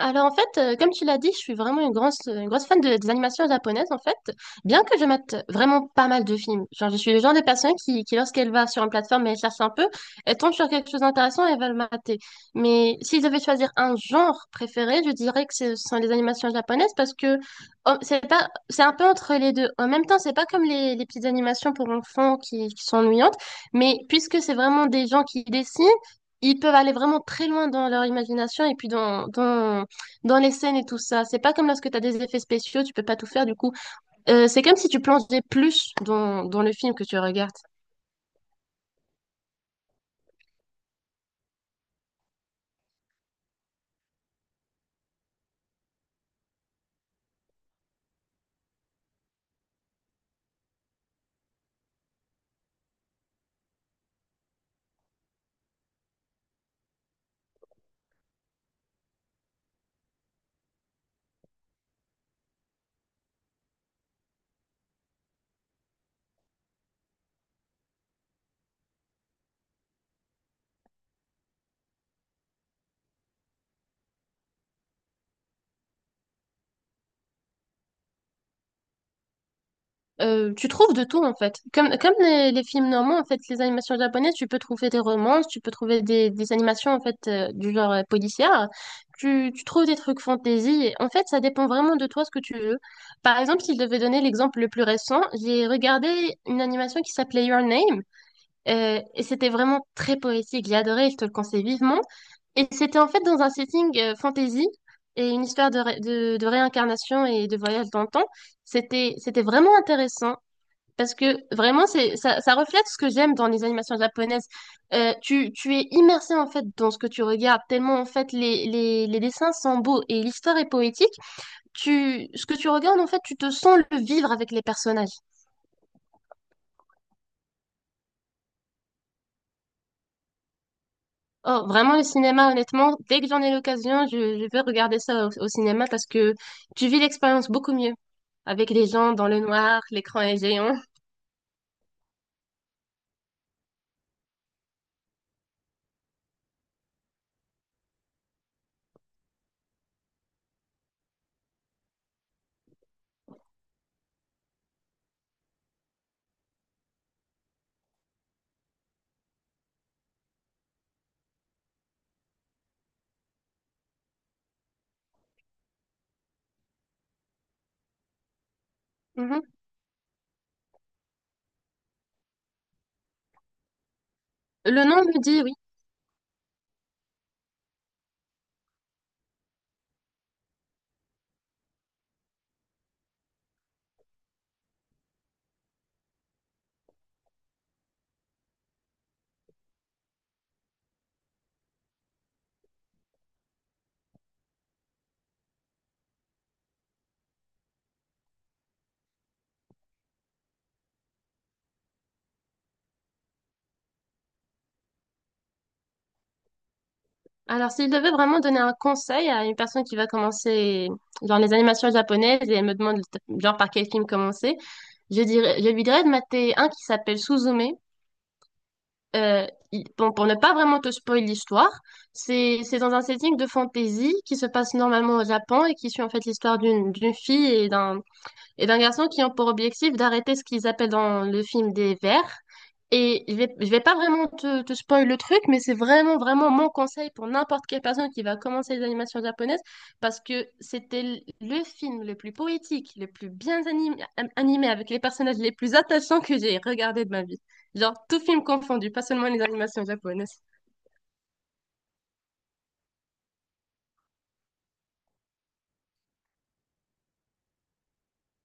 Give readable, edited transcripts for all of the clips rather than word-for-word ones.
Alors en fait, comme tu l'as dit, je suis vraiment une grosse fan des animations japonaises en fait, bien que je mette vraiment pas mal de films. Genre je suis le genre de personne qui lorsqu'elle va sur une plateforme et elle cherche un peu, elle tombe sur quelque chose d'intéressant et elle va le mater. Mais si je devais choisir un genre préféré, je dirais que ce sont les animations japonaises parce que oh, c'est pas, c'est un peu entre les deux. En même temps, c'est pas comme les petites animations pour enfants qui sont ennuyantes, mais puisque c'est vraiment des gens qui dessinent. Ils peuvent aller vraiment très loin dans leur imagination et puis dans les scènes et tout ça. C'est pas comme lorsque tu as des effets spéciaux, tu peux pas tout faire du coup. C'est comme si tu plongeais plus dans le film que tu regardes. Tu trouves de tout en fait. Comme les films normands, en fait, les animations japonaises, tu peux trouver des romances, tu peux trouver des animations en fait du genre policière. Tu trouves des trucs fantasy. En fait, ça dépend vraiment de toi ce que tu veux. Par exemple, si je devais donner l'exemple le plus récent, j'ai regardé une animation qui s'appelait Your Name. Et c'était vraiment très poétique, j'ai adoré, je te le conseille vivement. Et c'était en fait dans un setting fantasy et une histoire de réincarnation et de voyage dans le temps. C'était vraiment intéressant. Parce que vraiment, ça reflète ce que j'aime dans les animations japonaises. Tu es immersé en fait dans ce que tu regardes, tellement en fait les dessins sont beaux et l'histoire est poétique. Ce que tu regardes en fait, tu te sens le vivre avec les personnages. Oh, vraiment le cinéma, honnêtement, dès que j'en ai l'occasion, je vais regarder ça au cinéma parce que tu vis l'expérience beaucoup mieux avec les gens dans le noir, l'écran est géant. Mhm. Le nom me dit oui. Alors, s'il devait vraiment donner un conseil à une personne qui va commencer dans les animations japonaises et elle me demande genre par quel film commencer, je lui dirais de mater un qui s'appelle Suzume. Euh, bon, pour ne pas vraiment te spoiler l'histoire, c'est dans un setting de fantasy qui se passe normalement au Japon et qui suit en fait l'histoire d'une fille et d'un garçon qui ont pour objectif d'arrêter ce qu'ils appellent dans le film des vers. Et je vais pas vraiment te spoil le truc, mais vraiment mon conseil pour n'importe quelle personne qui va commencer les animations japonaises, parce que c'était le film le plus poétique, le plus bien animé, avec les personnages les plus attachants que j'ai regardé de ma vie. Genre, tout film confondu, pas seulement les animations japonaises.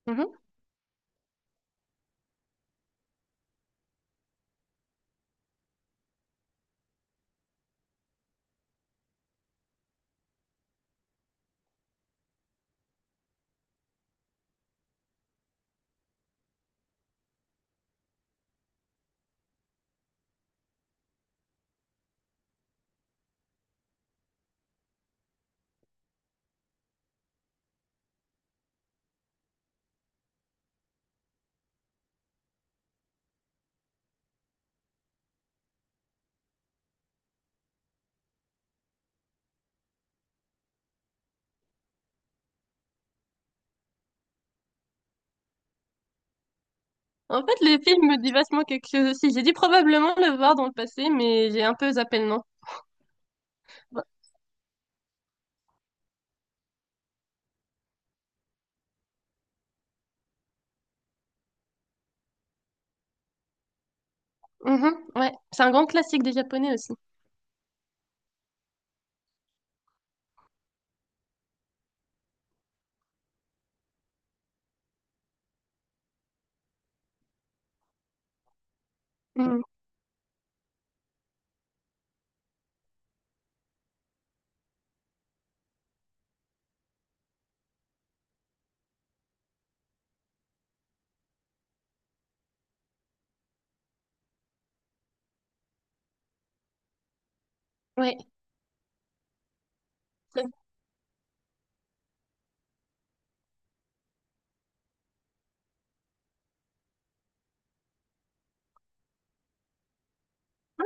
Mhm. En fait, le film me dit vachement quelque chose aussi. J'ai dû probablement le voir dans le passé, mais j'ai un peu zappé le nom. Mhm, ouais, c'est un grand classique des Japonais aussi. Mhm, ouais, c'est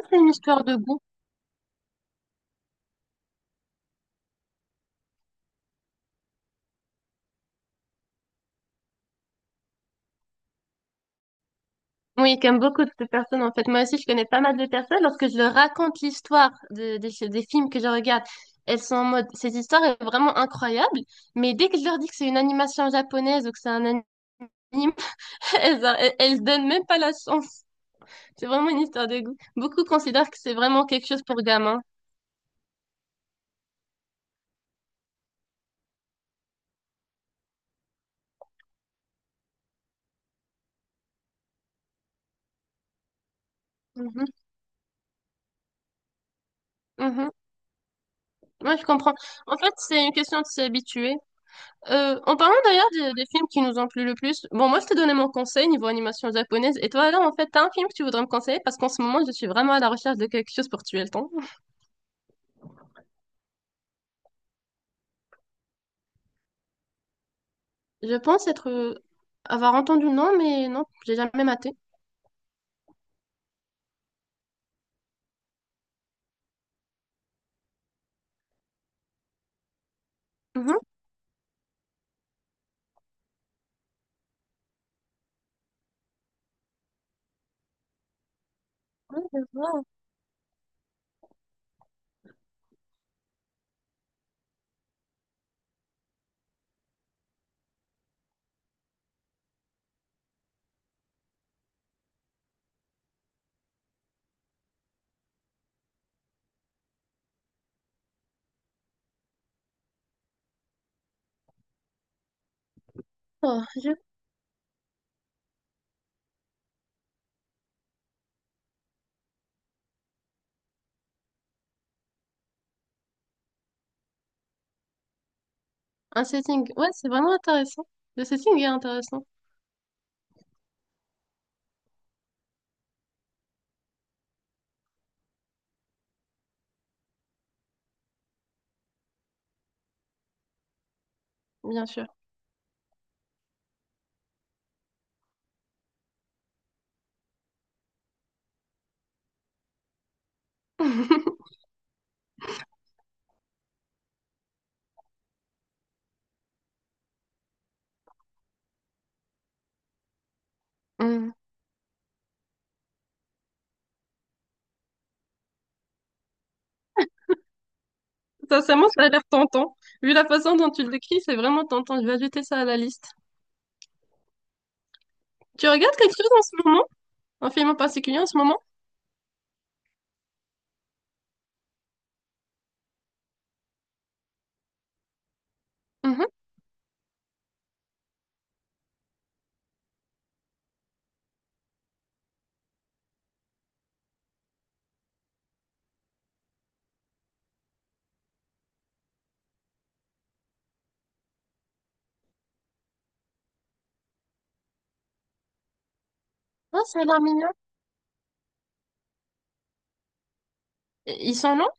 c'est une histoire de goût. Oui, comme beaucoup de personnes en fait. Moi aussi, je connais pas mal de personnes. Lorsque je leur raconte des films que je regarde, elles sont en mode, cette histoire est vraiment incroyable. Mais dès que je leur dis que c'est une animation japonaise ou que c'est un anime, elles donnent même pas la chance. C'est vraiment une histoire de goût. Beaucoup considèrent que c'est vraiment quelque chose pour gamins. Mhm, mhm. Moi, je comprends. En fait, c'est une question de s'y habituer. En parlant d'ailleurs des films qui nous ont plu le plus, bon, moi je t'ai donné mon conseil niveau animation japonaise, et toi alors en fait, t'as un film que tu voudrais me conseiller parce qu'en ce moment je suis vraiment à la recherche de quelque chose pour tuer le temps. Je pense être avoir entendu le nom, mais non, j'ai jamais maté. Mhm. Wow. Oh, je- Un setting, ouais, c'est vraiment intéressant. Le setting est intéressant, bien sûr. Mm. Sincèrement, ça a l'air tentant. Vu la façon dont tu le décris, c'est vraiment tentant. Je vais ajouter ça à la liste. Tu regardes quelque chose en ce moment? Un film en particulier en ce moment? Mhm. Ah, ça a l'air mignon. Ils sont longs?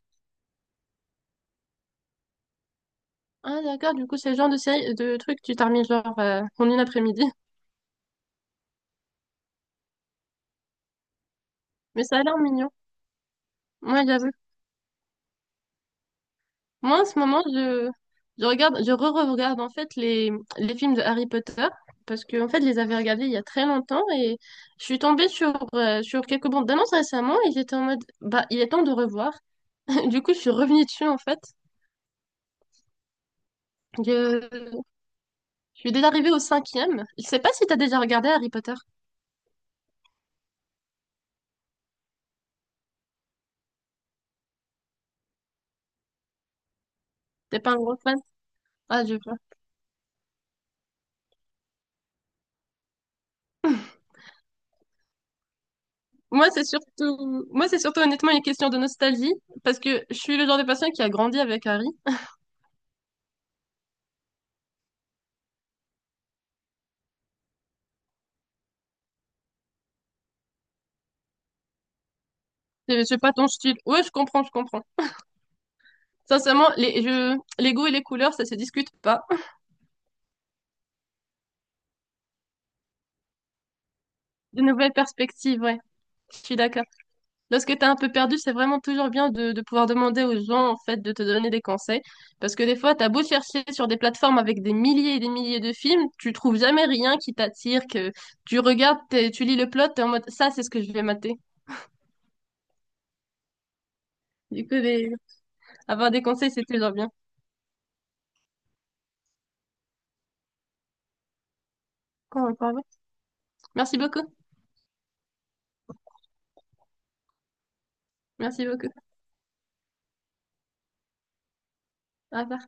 Ah d'accord, du coup c'est le genre de série, de truc que tu termines genre en une après-midi. Mais ça a l'air mignon. Moi j'avoue. Moi en ce moment Je regarde, je re-regarde en fait les films de Harry Potter parce que en fait je les avais regardés il y a très longtemps et je suis tombée sur, sur quelques bandes d'annonces récemment et j'étais en mode bah il est temps de revoir. Du coup je suis revenue dessus en fait. Je, je suis déjà arrivée au cinquième. Je sais pas si t'as déjà regardé Harry Potter. T'es pas un gros fan? Ah je Moi, moi, c'est surtout honnêtement une question de nostalgie, parce que je suis le genre de personne qui a grandi avec Harry. Je sais pas ton style. Ouais, je comprends, je comprends. Sincèrement, les goûts et les couleurs, ça se discute pas. De nouvelles perspectives, ouais, je suis d'accord. Lorsque t'es un peu perdu, c'est vraiment toujours bien de pouvoir demander aux gens, en fait, de te donner des conseils. Parce que des fois, t'as beau chercher sur des plateformes avec des milliers et des milliers de films, tu trouves jamais rien qui t'attire, que tu regardes, tu lis le plot, t'es en mode, ça, c'est ce que je vais mater. Du coup, des- Avoir des conseils, c'est toujours bien. Encore, encore. Merci beaucoup. Merci beaucoup. Au revoir.